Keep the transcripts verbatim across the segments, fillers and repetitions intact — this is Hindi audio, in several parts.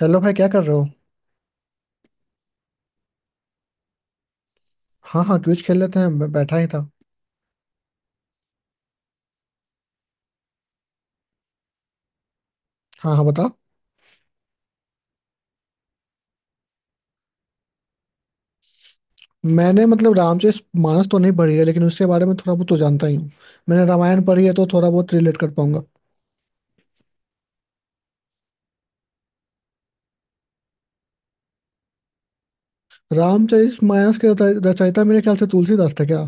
हेलो भाई, क्या कर रहे हो। हाँ हाँ, क्विज खेल लेते हैं, मैं बैठा ही था। हाँ हाँ, बता। मैंने मतलब रामचरित मानस तो नहीं पढ़ी है, लेकिन उसके बारे में थोड़ा बहुत तो जानता ही हूँ। मैंने रामायण पढ़ी है, तो थोड़ा बहुत रिलेट कर पाऊंगा। रामचरित मानस के रच- रचयिता मेरे ख्याल से तुलसीदास थे क्या।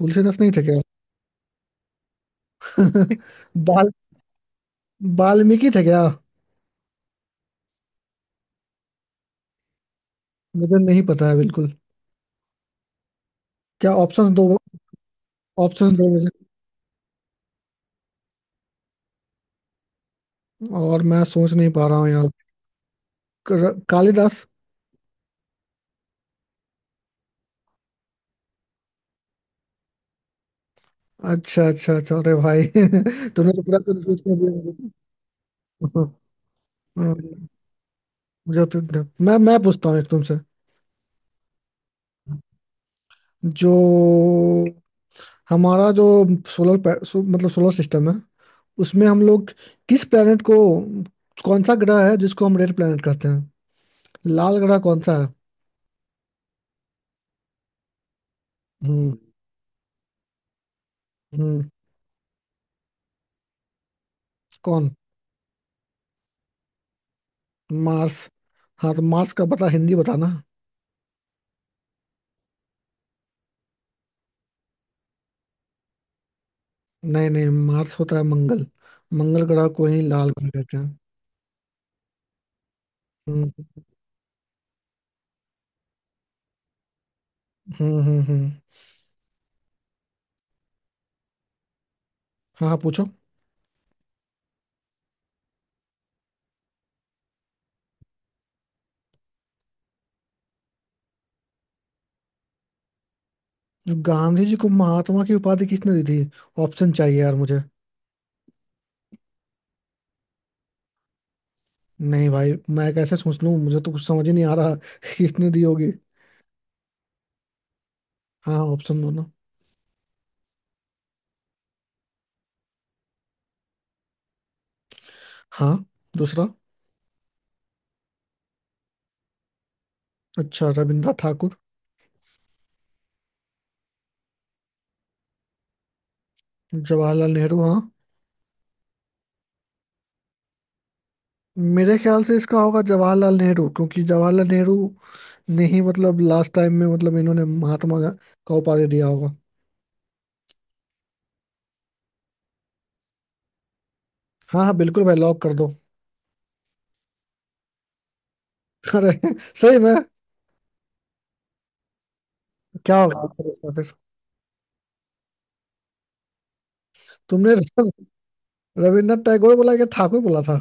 तुलसीदास नहीं थे क्या। बाल वाल्मीकि थे क्या। मुझे नहीं पता है बिल्कुल। क्या, ऑप्शंस दो। ऑप्शंस दो मुझे। और मैं सोच नहीं पा रहा हूँ यार। कर- कालिदास। अच्छा अच्छा अच्छा, अरे भाई तुमने तो पूरा कंफ्यूज कर दिया मुझे। जब जब- मैं मैं पूछता हूँ एक तुमसे। जो हमारा जो सोलर पै- सो, मतलब सोलर सिस्टम है, उसमें हम लोग किस प्लेनेट को, कौन सा ग्रह है जिसको हम रेड प्लेनेट कहते हैं। लाल ग्रह कौन सा है। हम्म। हम्म। कौन। मार्स। हाँ, तो मार्स का पता हिंदी बताना। नहीं नहीं, मार्स होता है मंगल। मंगल ग्रह को ही लाल ग्रह कहते हैं। हम्म हम्म हम्म हम्म। हाँ हाँ, पूछो। जो गांधी जी को महात्मा की उपाधि किसने दी थी। ऑप्शन चाहिए यार मुझे। नहीं भाई, मैं कैसे सोच लूं, मुझे तो कुछ समझ ही नहीं आ रहा। किसने दी होगी। हाँ, ऑप्शन दो ना। हाँ। दूसरा। अच्छा, रविंद्रनाथ ठाकुर। जवाहरलाल नेहरू हाँ। मेरे ख्याल से इसका होगा जवाहरलाल नेहरू, क्योंकि जवाहरलाल नेहरू ने ही, मतलब लास्ट टाइम में, मतलब इन्होंने महात्मा गा- का उपाधि दिया होगा। हाँ हाँ, बिल्कुल भाई, लॉक कर दो। अरे सही में। क्या होगा आंसर इसका फिर। तुमने रविंद्रनाथ टैगोर बोला कि ठाकुर बोला था।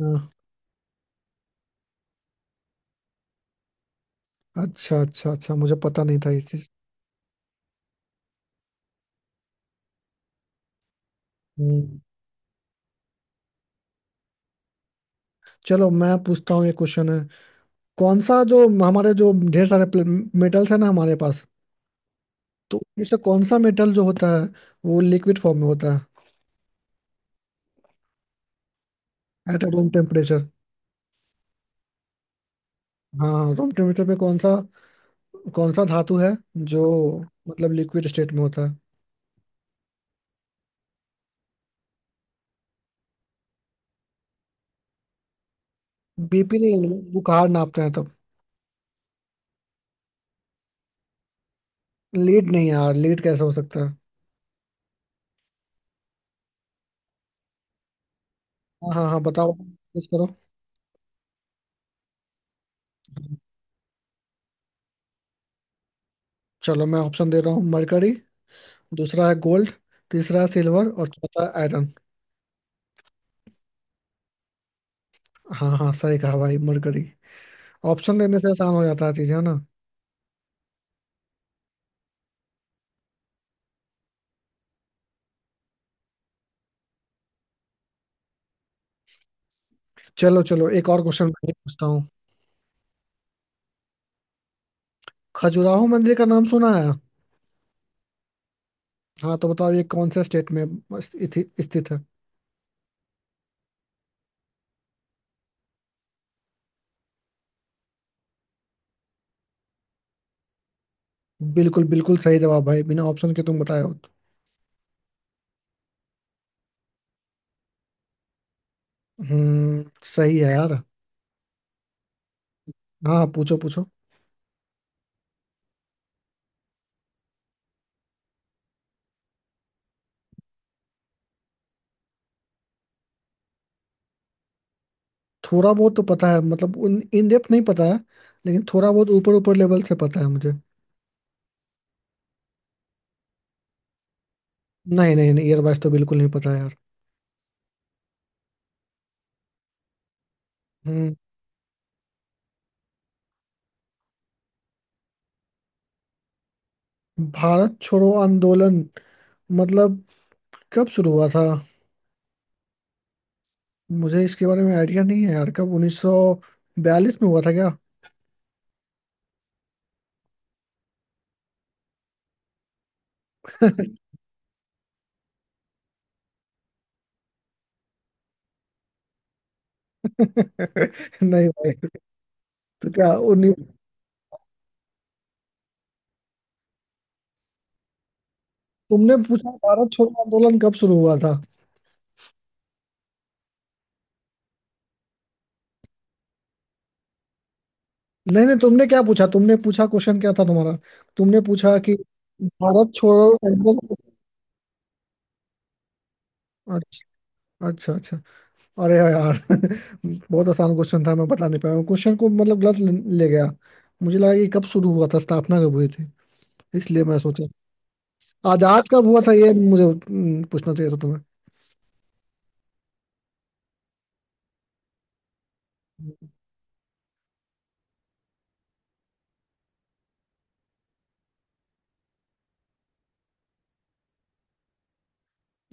हाँ। अच्छा अच्छा अच्छा, मुझे पता नहीं था ये चीज। चलो, मैं पूछता हूँ ये क्वेश्चन है। कौन सा, जो हमारे जो ढेर सारे मेटल्स है ना हमारे पास, तो उनमें से कौन सा मेटल जो होता है वो लिक्विड फॉर्म में होता है एट रूम टेम्परेचर। हाँ, रूम टेम्परेचर पे कौन सा, कौन सा धातु है जो मतलब लिक्विड स्टेट में होता है। बीपी नहीं, बुखार नापते हैं तब। लीड नहीं यार, लीड कैसे हो सकता है। हाँ हाँ हाँ, बताओ guess करो। चलो मैं ऑप्शन दे रहा हूँ, मरकरी, दूसरा है गोल्ड, तीसरा है सिल्वर और चौथा आयरन। हाँ हाँ, सही कहा भाई, मरकरी। ऑप्शन देने से आसान हो जाता है चीजें, है ना। चलो चलो, एक और क्वेश्चन मैं ये पूछता हूँ। खजुराहो मंदिर का नाम सुना है। हाँ, तो बताओ ये कौन से स्टेट में स्थि- स्थित है। बिल्कुल बिल्कुल सही जवाब भाई, बिना ऑप्शन के तुम बताए हो तो। हम्म, सही है यार। हाँ हाँ, पूछो पूछो। थोड़ा बहुत तो पता है, मतलब उन इन डेप्थ नहीं पता है, लेकिन थोड़ा बहुत ऊपर ऊपर लेवल से पता है मुझे। नहीं नहीं नहीं, ईयरवाइज तो बिल्कुल नहीं पता है यार। हम्म। भारत छोड़ो आंदोलन मतलब कब शुरू हुआ था। मुझे इसके बारे में आइडिया नहीं है यार, कब उन्नीस सौ बयालीस में हुआ था क्या। नहीं भाई। तो क्या उन्नीस, तुमने पूछा भारत छोड़ो आंदोलन कब शुरू हुआ था। नहीं नहीं, तुमने क्या पूछा, तुमने पूछा क्वेश्चन क्या था तुम्हारा। तुमने पूछा कि भारत छोड़ो आंदोलन। अच्छा अच्छा अच्छा, अरे यार बहुत आसान क्वेश्चन था, मैं बता नहीं पाया हूँ। क्वेश्चन को मतलब गलत ले ले गया। मुझे लगा कि कब शुरू हुआ था, स्थापना कब हुई थी, इसलिए मैं सोचा आजाद कब हुआ था ये मुझे हम्म, पूछना चाहिए था तुम्हें।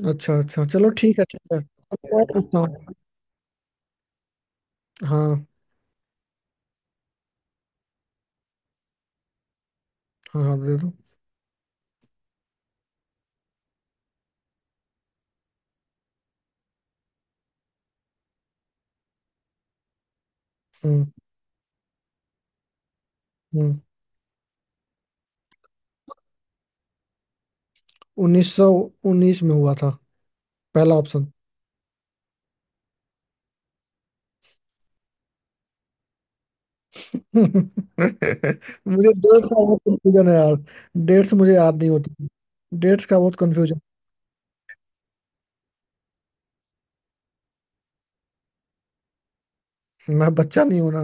अच्छा अच्छा, चलो ठीक है ठीक है, अब और पूछता हूँ। हाँ हाँ हाँ, दे दो। हम्म। हम्म। उन्नीस सौ उन्नीस में हुआ था, पहला ऑप्शन। मुझे डेट का बहुत कंफ्यूजन है यार। डेट्स मुझे याद नहीं होती। डेट्स का बहुत कंफ्यूजन। मैं बच्चा नहीं हूं ना।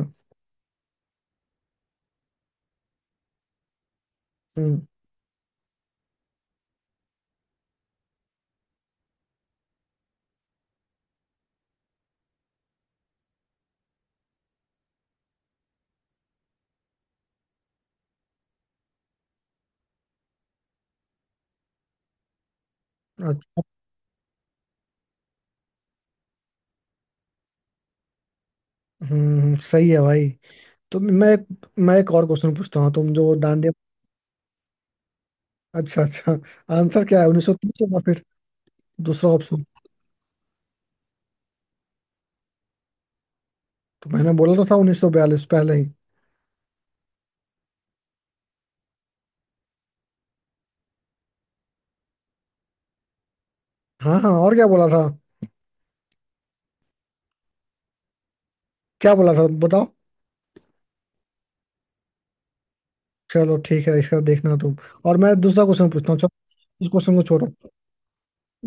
हम्म। अच्छा। हम्म, सही है भाई। तो मैं एक मैं एक और क्वेश्चन पूछता हूँ। तुम जो डांडिया। अच्छा अच्छा, आंसर क्या है, उन्नीस सौ तीस होगा फिर, दूसरा ऑप्शन। तो मैंने बोला तो था उन्नीस सौ बयालीस पहले ही। हाँ हाँ, और क्या बोला था। क्या बोला था बताओ। चलो ठीक है, इसका देखना तुम, और मैं दूसरा क्वेश्चन पूछता हूँ चलो। इस क्वेश्चन को छोड़ो।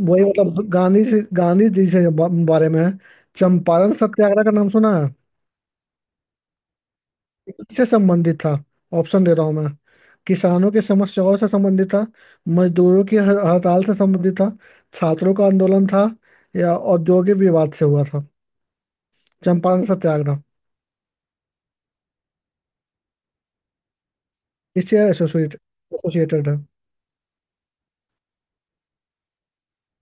वही मतलब गांधी से गांधी जी से बा- बारे में है। चंपारण सत्याग्रह का नाम सुना है। किससे संबंधित था। ऑप्शन दे रहा हूँ मैं। किसानों की समस्याओं से संबंधित था, मजदूरों की ह- हड़ताल से संबंधित था, छात्रों का आंदोलन था, या औद्योगिक विवाद से हुआ था। चंपारण सत्याग्रह इससे एसोसिएट एसोसिएटेड है।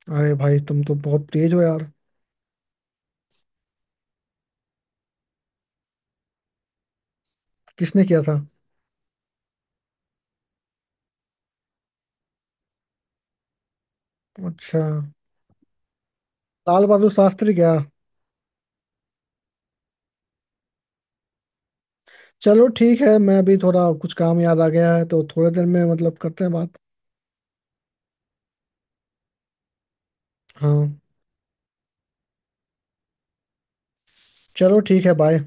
अरे भाई, तुम तो बहुत तेज हो यार। किसने किया था। अच्छा, लाल बहादुर शास्त्री क्या। चलो ठीक है, मैं अभी थोड़ा कुछ काम याद आ गया है, तो थोड़ी देर में मतलब करते हैं बात। हाँ, चलो ठीक है, बाय।